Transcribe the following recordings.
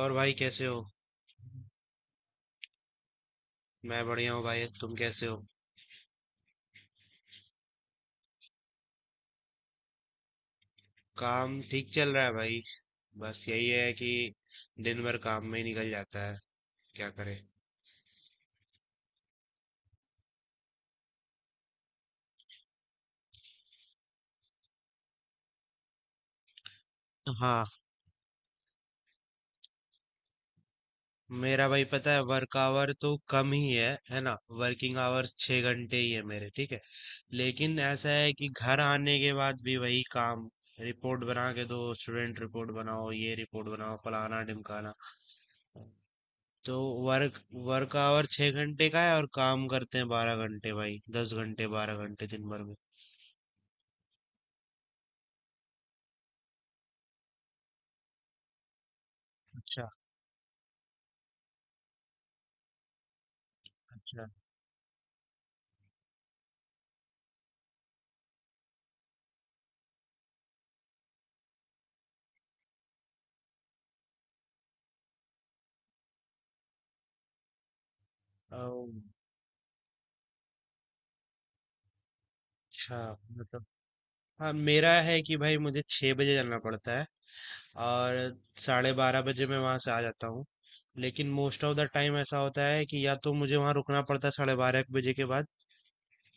और भाई, कैसे हो? मैं बढ़िया हूँ भाई, तुम कैसे हो? काम ठीक चल रहा है भाई। बस यही है कि दिन भर काम में ही निकल जाता है। क्या करें? हाँ, मेरा भाई पता है वर्क आवर तो कम ही है ना? वर्किंग आवर्स 6 घंटे ही है मेरे, ठीक है? लेकिन ऐसा है कि घर आने के बाद भी वही काम। रिपोर्ट बना के दो, स्टूडेंट रिपोर्ट बनाओ, ये रिपोर्ट बनाओ, फलाना ढिमकाना। तो वर्क वर्क आवर 6 घंटे का है और काम करते हैं 12 घंटे भाई, 10 घंटे, 12 घंटे दिन भर में। अच्छा। अच्छा। ओ, अच्छा। मतलब, हाँ मेरा है कि भाई मुझे 6 बजे जाना पड़ता है और 12:30 बजे मैं वहाँ से आ जाता हूँ। लेकिन मोस्ट ऑफ द टाइम ऐसा होता है कि या तो मुझे वहाँ रुकना पड़ता है 12:30-1 बजे के बाद,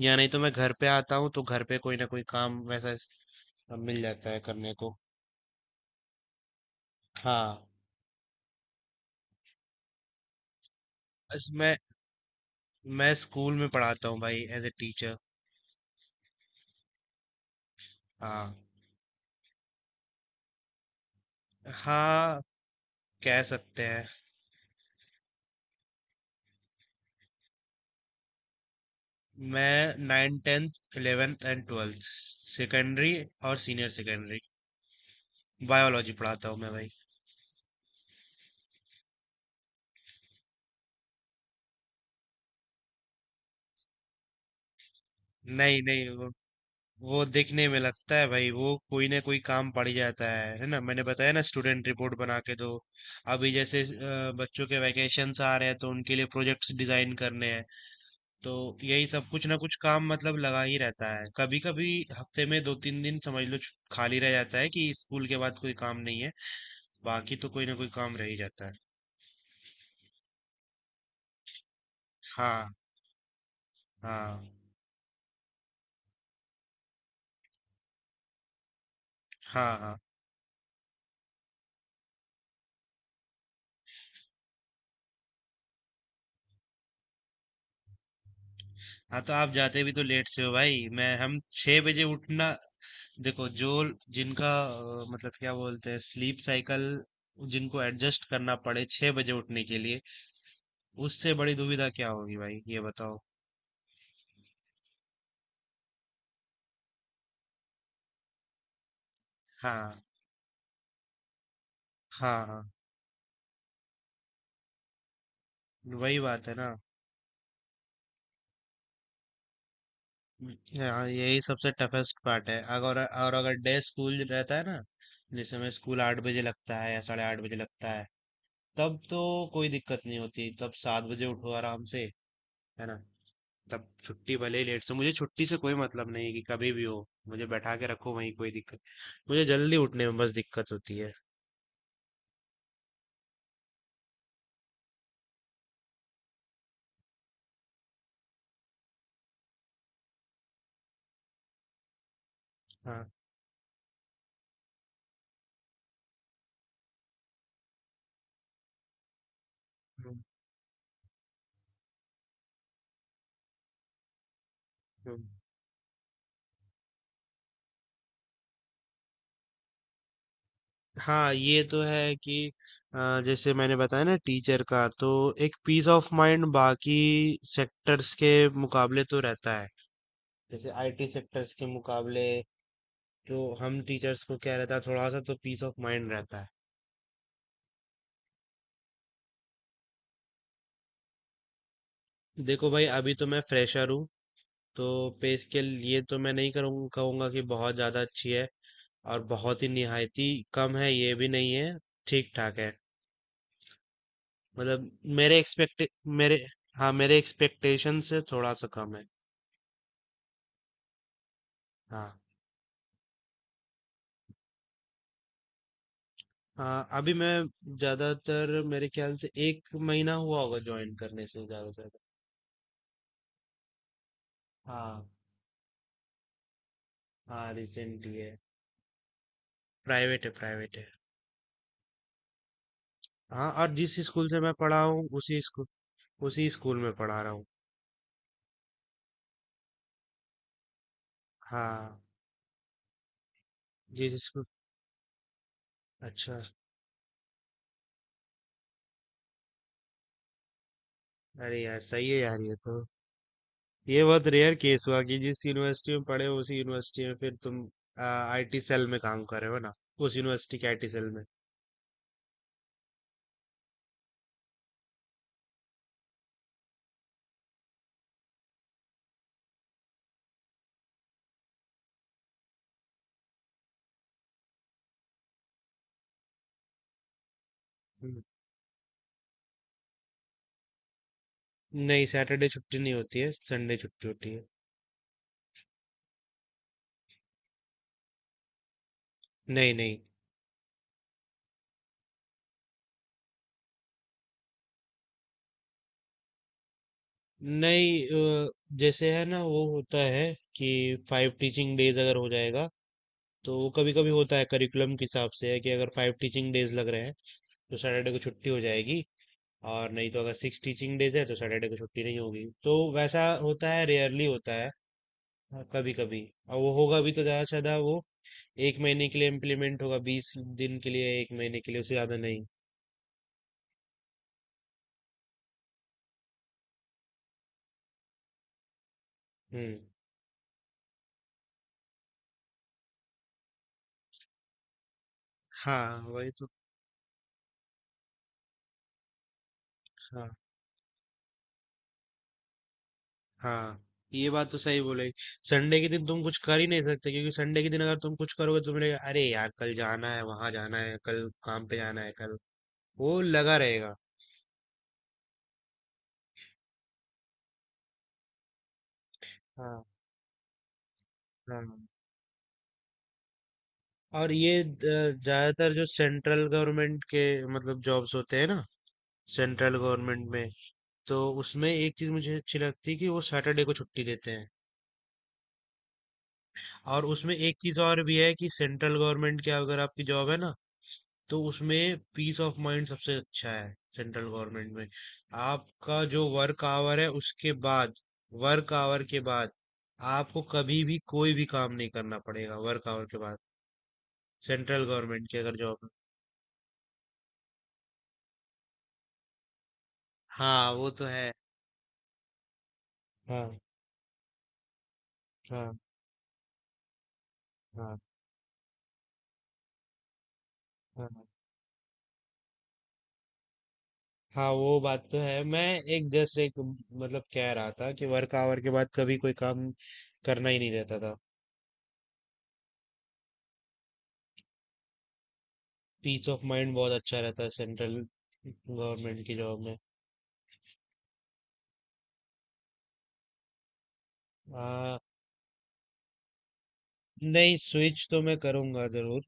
या नहीं तो मैं घर पे आता हूँ तो घर पे कोई ना कोई काम मिल जाता है करने को। हाँ। बस मैं स्कूल में पढ़ाता हूँ भाई, एज ए टीचर। हाँ हाँ। कह सकते हैं। मैं nine tenth eleventh and twelfth, secondary और सीनियर सेकेंडरी, बायोलॉजी पढ़ाता हूँ मैं भाई। नहीं नहीं, वो दिखने में लगता है भाई, वो कोई ना कोई काम पड़ ही जाता है ना? मैंने बताया ना, स्टूडेंट रिपोर्ट बना के दो। अभी जैसे बच्चों के वैकेशंस आ रहे हैं तो उनके लिए प्रोजेक्ट्स डिजाइन करने हैं। तो यही सब कुछ ना कुछ काम मतलब लगा ही रहता है। कभी कभी हफ्ते में दो तीन दिन समझ लो खाली रह जाता है कि स्कूल के बाद कोई काम नहीं है। बाकी तो कोई ना कोई काम रह ही जाता है। हाँ। हाँ। हाँ। हाँ। हाँ, तो आप जाते भी तो लेट से हो भाई। मैं हम 6 बजे उठना। देखो, जो जिनका, मतलब क्या बोलते हैं, स्लीप साइकिल, जिनको एडजस्ट करना पड़े 6 बजे उठने के लिए, उससे बड़ी दुविधा क्या होगी भाई, ये बताओ। हाँ। हाँ। हाँ, वही बात है ना। हाँ, यही सबसे टफेस्ट पार्ट है। अगर, और अगर डे स्कूल रहता है ना, जैसे मैं स्कूल 8 बजे लगता है या 8:30 बजे लगता है, तब तो कोई दिक्कत नहीं होती, तब 7 बजे उठो आराम से, है ना? तब छुट्टी भले ही लेट से, मुझे छुट्टी से कोई मतलब नहीं है कि कभी भी हो, मुझे बैठा के रखो वहीं, कोई दिक्कत। मुझे जल्दी उठने में बस दिक्कत होती है। हाँ। हम्म, हम्म। हाँ, ये तो है कि जैसे मैंने बताया ना, टीचर का तो एक पीस ऑफ माइंड बाकी सेक्टर्स के मुकाबले तो रहता है, जैसे आईटी सेक्टर्स के मुकाबले। तो हम टीचर्स को क्या रहता है, थोड़ा सा तो पीस ऑफ माइंड रहता है। देखो भाई, अभी तो मैं फ्रेशर हूँ, तो पे स्केल ये तो मैं नहीं करूँ कहूँगा कि बहुत ज़्यादा अच्छी है। और बहुत ही निहायती कम है ये भी नहीं है। ठीक ठाक है मतलब। मेरे एक्सपेक्ट मेरे हाँ, मेरे एक्सपेक्टेशन से थोड़ा सा कम है। हाँ। हाँ, अभी मैं ज़्यादातर मेरे ख्याल से एक महीना हुआ होगा ज्वाइन करने से, ज़्यादा से ज़्यादा। हाँ हाँ। रिसेंटली है। प्राइवेट है, प्राइवेट है। हाँ, और जिस स्कूल से मैं पढ़ा हूँ, उसी स्कूल में पढ़ा रहा हूँ। हाँ। जिस स्कूल अच्छा। अरे यार, सही है यार, ये तो। ये बहुत रेयर केस हुआ कि जिस यूनिवर्सिटी में पढ़े हो उसी यूनिवर्सिटी में फिर तुम आईटी सेल में काम कर रहे हो ना, उस यूनिवर्सिटी के आईटी सेल में। हम्म। नहीं, सैटरडे छुट्टी नहीं होती है, संडे छुट्टी होती है। नहीं नहीं। नहीं, जैसे है ना वो होता है कि 5 टीचिंग डेज अगर हो जाएगा तो वो कभी कभी होता है करिकुलम के हिसाब से, है कि अगर 5 टीचिंग डेज लग रहे हैं तो सैटरडे को छुट्टी हो जाएगी। और नहीं तो अगर 6 टीचिंग डेज है तो सैटरडे को छुट्टी नहीं होगी। तो वैसा होता है, रेयरली होता है। हाँ, कभी कभी। और वो होगा भी तो ज्यादा से ज्यादा वो एक महीने के लिए इम्प्लीमेंट होगा, 20 दिन के लिए, एक महीने के लिए, उससे ज्यादा नहीं। हम्म। हाँ, वही तो। हाँ, हाँ, ये बात तो सही बोले। संडे के दिन तुम कुछ कर ही नहीं सकते, क्योंकि संडे के दिन अगर तुम कुछ करोगे तो मिलेगा अरे यार, कल जाना है, वहां जाना है, कल काम पे जाना है कल। वो लगा रहेगा। हाँ। हाँ, और ये ज्यादातर जो सेंट्रल गवर्नमेंट के मतलब जॉब्स होते हैं ना, सेंट्रल गवर्नमेंट में, तो उसमें एक चीज़ मुझे अच्छी लगती है कि वो सैटरडे को छुट्टी देते हैं। और उसमें एक चीज़ और भी है कि सेंट्रल गवर्नमेंट की अगर आपकी जॉब है ना, तो उसमें पीस ऑफ माइंड सबसे अच्छा है सेंट्रल गवर्नमेंट में। आपका जो वर्क आवर है, उसके बाद, वर्क आवर के बाद आपको कभी भी कोई भी काम नहीं करना पड़ेगा वर्क आवर के बाद, सेंट्रल गवर्नमेंट की अगर जॉब है। हाँ, वो तो है। हाँ। हाँ। हाँ। हाँ। हाँ, वो बात तो है। मैं एक जस्ट एक मतलब कह रहा था कि वर्क आवर के बाद कभी कोई काम करना ही नहीं रहता था। पीस ऑफ माइंड बहुत अच्छा रहता है सेंट्रल गवर्नमेंट की जॉब में। आ, नहीं, स्विच तो मैं करूंगा जरूर।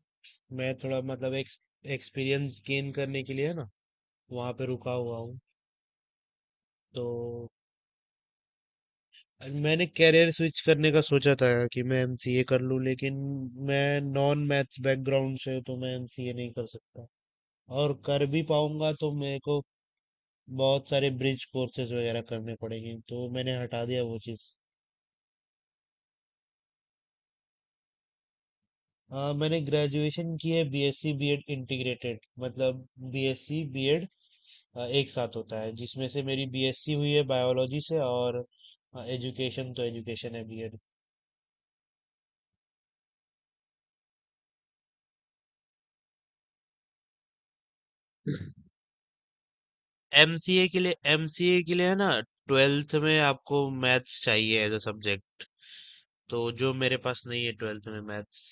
मैं थोड़ा मतलब एक एक्सपीरियंस गेन करने के लिए ना, वहाँ पे रुका हुआ हूँ। तो मैंने कैरियर स्विच करने का सोचा था कि मैं एमसीए कर लूँ, लेकिन मैं नॉन मैथ्स बैकग्राउंड से हूं, तो मैं एमसीए नहीं कर सकता। और कर भी पाऊंगा तो मेरे को बहुत सारे ब्रिज कोर्सेज वगैरह करने पड़ेंगे, तो मैंने हटा दिया वो चीज़। हाँ, मैंने ग्रेजुएशन की है बीएससी बीएड इंटीग्रेटेड, मतलब बीएससी बीएड एक साथ होता है, जिसमें से मेरी बीएससी हुई है बायोलॉजी से, और एजुकेशन तो एजुकेशन है बीएड। एमसीए के लिए है ना, ट्वेल्थ में आपको मैथ्स चाहिए एज अ सब्जेक्ट, तो जो मेरे पास नहीं है ट्वेल्थ में मैथ्स।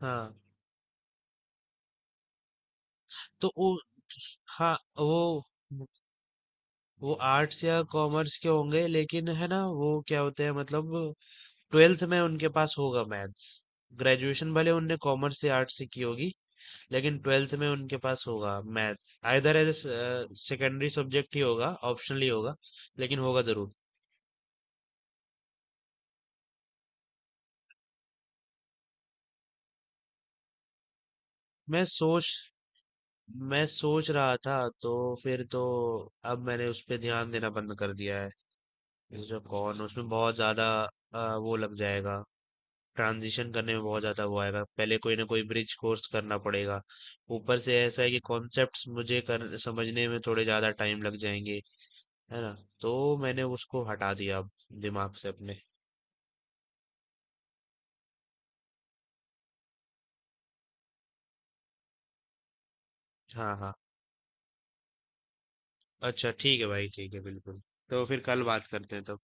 हाँ, तो वो, हाँ, वो वो आर्ट्स या कॉमर्स के होंगे, लेकिन है ना वो क्या होते हैं मतलब, ट्वेल्थ में उनके पास होगा मैथ्स। ग्रेजुएशन भले उनने कॉमर्स से आर्ट्स से की होगी, लेकिन ट्वेल्थ में उनके पास होगा maths, either as secondary subject ही होगा, ऑप्शनल ही होगा, लेकिन होगा जरूर। मैं सोच मैं सोच रहा था तो, फिर तो अब मैंने उस पे ध्यान देना बंद कर दिया है। ये जो कौन उसमें बहुत ज्यादा वो लग जाएगा, ट्रांजिशन करने में बहुत ज़्यादा वो आएगा, पहले कोई ना कोई ब्रिज कोर्स करना पड़ेगा। ऊपर से ऐसा है कि कॉन्सेप्ट्स मुझे कर समझने में थोड़े ज़्यादा टाइम लग जाएँगे, है ना? तो मैंने उसको हटा दिया अब दिमाग से अपने। हाँ, हाँ। अच्छा ठीक है भाई, ठीक है बिल्कुल। तो फिर कल बात करते हैं तब।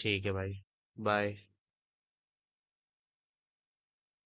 ठीक है भाई, बाय।